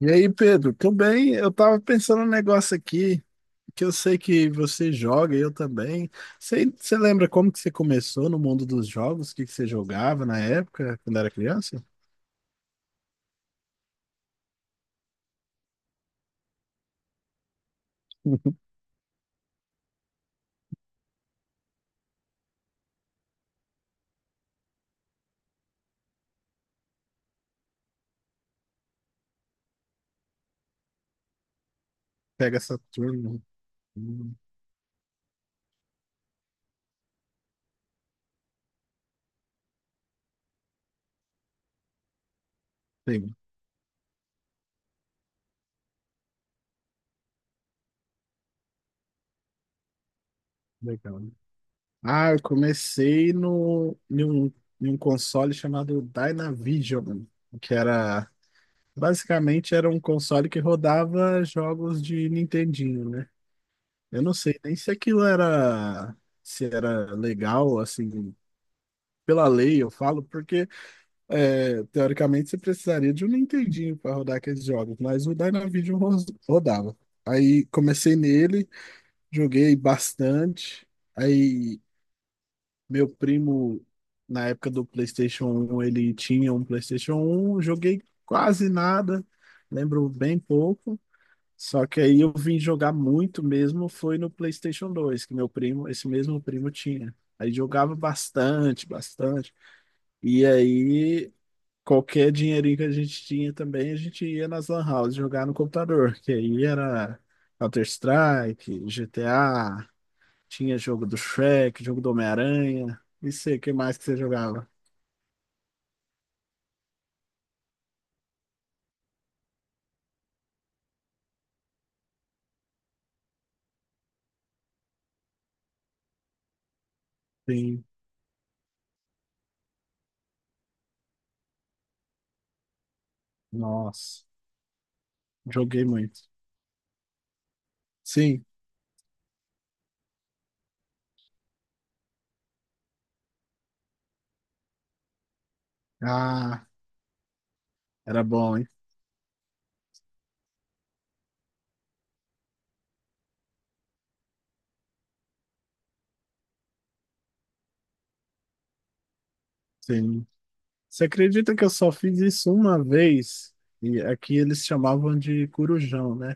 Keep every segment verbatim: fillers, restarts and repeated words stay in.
E aí, Pedro, tudo bem? Eu tava pensando um negócio aqui, que eu sei que você joga e eu também. Você, você lembra como que você começou no mundo dos jogos? O que que você jogava na época, quando era criança? Pega essa turma. Hum. Tem, legal. Ah, eu comecei no, em um, em um console chamado Dynavision, que era... Basicamente era um console que rodava jogos de Nintendinho, né? Eu não sei nem se aquilo era, se era legal, assim, pela lei, eu falo, porque é, teoricamente você precisaria de um Nintendinho para rodar aqueles jogos, mas o Dynavision ro- rodava. Aí comecei nele, joguei bastante. Aí meu primo, na época do PlayStation um, ele tinha um PlayStation um, joguei quase nada, lembro bem pouco. Só que aí eu vim jogar muito mesmo foi no PlayStation dois, que meu primo, esse mesmo primo, tinha. Aí jogava bastante, bastante. E aí qualquer dinheirinho que a gente tinha também, a gente ia nas lan house jogar no computador, que aí era Counter-Strike, G T A, tinha jogo do Shrek, jogo do Homem-Aranha. E sei, o que mais que você jogava? Sim. Nossa, joguei muito. Sim. Ah, era bom, hein? Sim. Você acredita que eu só fiz isso uma vez? E aqui eles chamavam de corujão, né?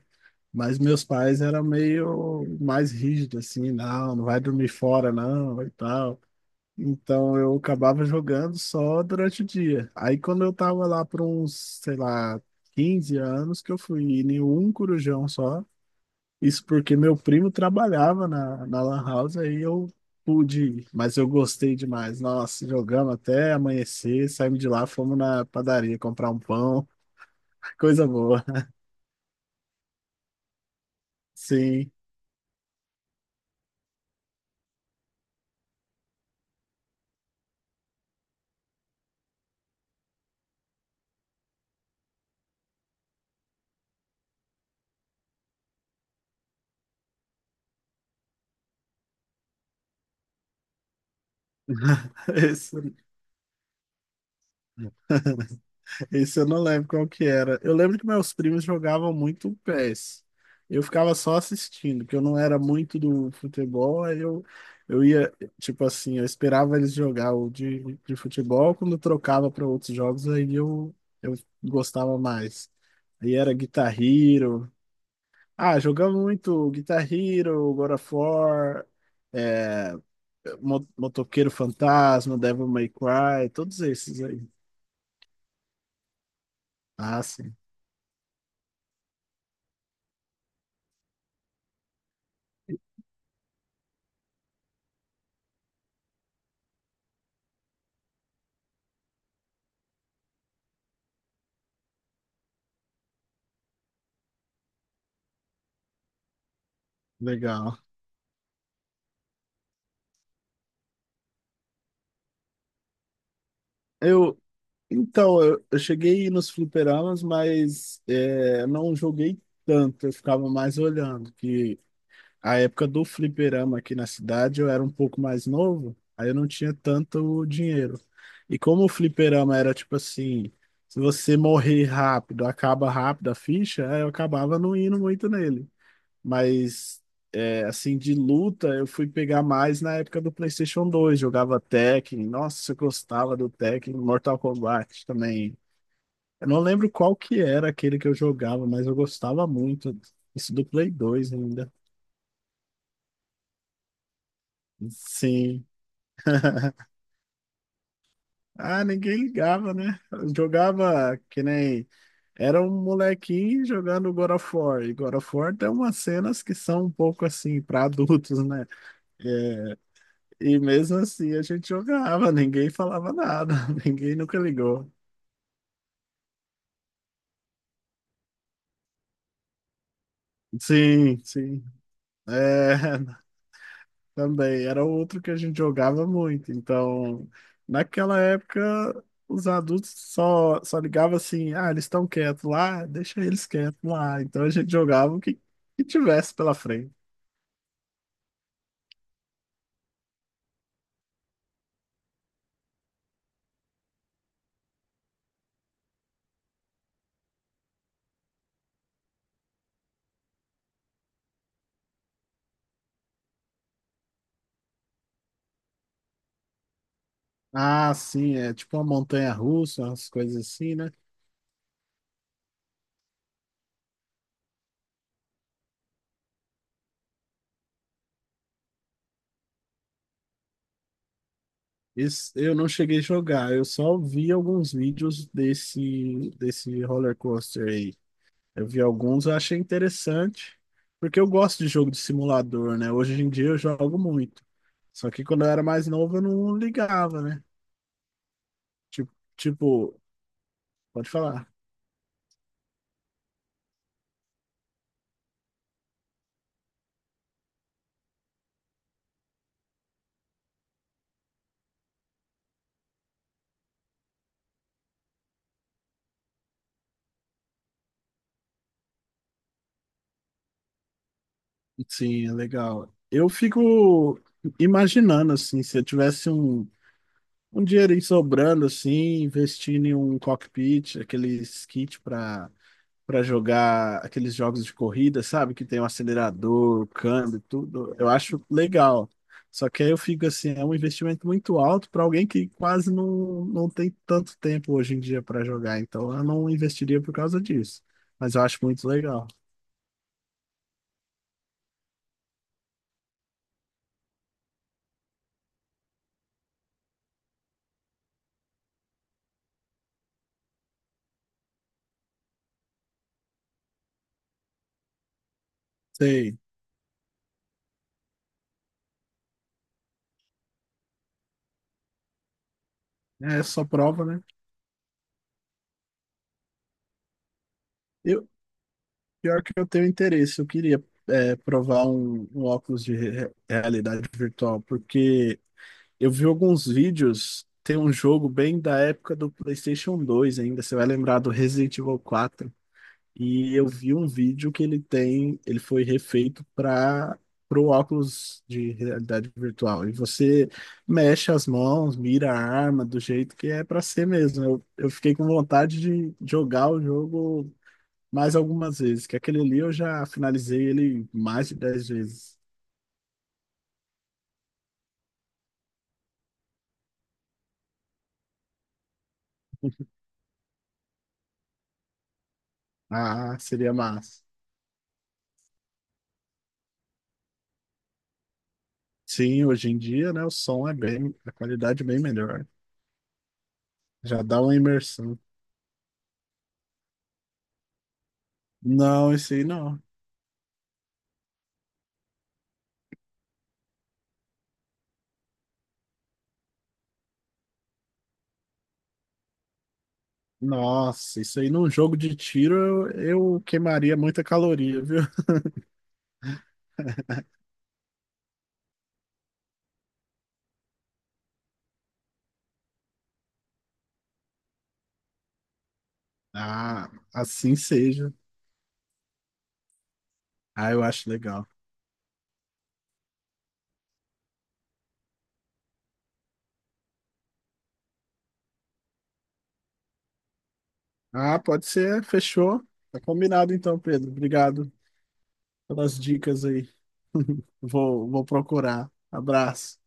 Mas meus pais eram meio mais rígidos, assim, não, não vai dormir fora, não, e tal. Então eu acabava jogando só durante o dia. Aí quando eu tava lá por uns, sei lá, quinze anos, que eu fui em um corujão só. Isso porque meu primo trabalhava na, na Lan House, aí eu pude ir, mas eu gostei demais. Nossa, jogamos até amanhecer, saímos de lá, fomos na padaria comprar um pão, coisa boa. Sim. esse- Esse eu não lembro qual que era. Eu lembro que meus primos jogavam muito P E S. Eu ficava só assistindo, porque eu não era muito do futebol, aí eu, eu ia, tipo assim, eu esperava eles jogar o de, de futebol. Quando trocava para outros jogos, aí eu, eu gostava mais. Aí era Guitar Hero. Ah, jogamos muito Guitar Hero, God of War, é, Mo- Motoqueiro Fantasma, Devil May Cry, todos esses aí. Ah, sim, legal. Eu, Então, eu, eu cheguei nos fliperamas, mas é, não joguei tanto, eu ficava mais olhando, que a época do fliperama aqui na cidade eu era um pouco mais novo, aí eu não tinha tanto dinheiro. E como o fliperama era tipo assim, se você morrer rápido, acaba rápido a ficha, aí eu acabava não indo muito nele. Mas, é, assim, de luta, eu fui pegar mais na época do PlayStation dois, jogava Tekken, nossa, eu gostava do Tekken, Mortal Kombat também. Eu não lembro qual que era aquele que eu jogava, mas eu gostava muito. Isso do Play dois ainda. Sim. Ah, ninguém ligava, né? Eu jogava que nem. Era um molequinho jogando God of War. E God of War tem umas cenas que são um pouco assim, para adultos, né? É. E mesmo assim a gente jogava, ninguém falava nada, ninguém nunca ligou. Sim, sim. É, também era outro que a gente jogava muito. Então, naquela época, os adultos só, só ligavam assim: ah, eles estão quietos lá, deixa eles quietos lá. Então a gente jogava o que, que tivesse pela frente. Ah, sim, é tipo uma montanha russa, umas coisas assim, né? Esse eu não cheguei a jogar, eu só vi alguns vídeos desse, desse roller coaster aí. Eu vi alguns, eu achei interessante, porque eu gosto de jogo de simulador, né? Hoje em dia eu jogo muito. Só que quando eu era mais novo eu não ligava, né? Tipo, tipo, pode falar. Sim, é legal. Eu fico imaginando, assim, se eu tivesse um, um dinheirinho sobrando, assim, investindo em um cockpit, aqueles kits para para jogar aqueles jogos de corrida, sabe? Que tem o acelerador, o câmbio, tudo. Eu acho legal. Só que aí eu fico assim, é um investimento muito alto para alguém que quase não, não tem tanto tempo hoje em dia para jogar. Então eu não investiria por causa disso. Mas eu acho muito legal. Sei. É só prova, né? Eu, Pior que eu tenho interesse, eu queria é, provar um, um óculos de re- realidade virtual, porque eu vi alguns vídeos, tem um jogo bem da época do PlayStation dois ainda, você vai lembrar do Resident Evil quatro, e eu vi um vídeo que ele tem, ele foi refeito para o óculos de realidade virtual, e você mexe as mãos, mira a arma do jeito que é para ser mesmo. Eu, eu fiquei com vontade de jogar o jogo mais algumas vezes, que aquele ali eu já finalizei ele mais de dez vezes. Ah, seria massa. Sim, hoje em dia, né, o som é bem, a qualidade é bem melhor. Já dá uma imersão. Não, isso aí não. Nossa, isso aí num jogo de tiro eu, eu queimaria muita caloria, viu? Ah, assim seja. Ah, eu acho legal. Ah, pode ser, fechou. Tá combinado então, Pedro. Obrigado pelas dicas aí. Vou, vou procurar. Abraço.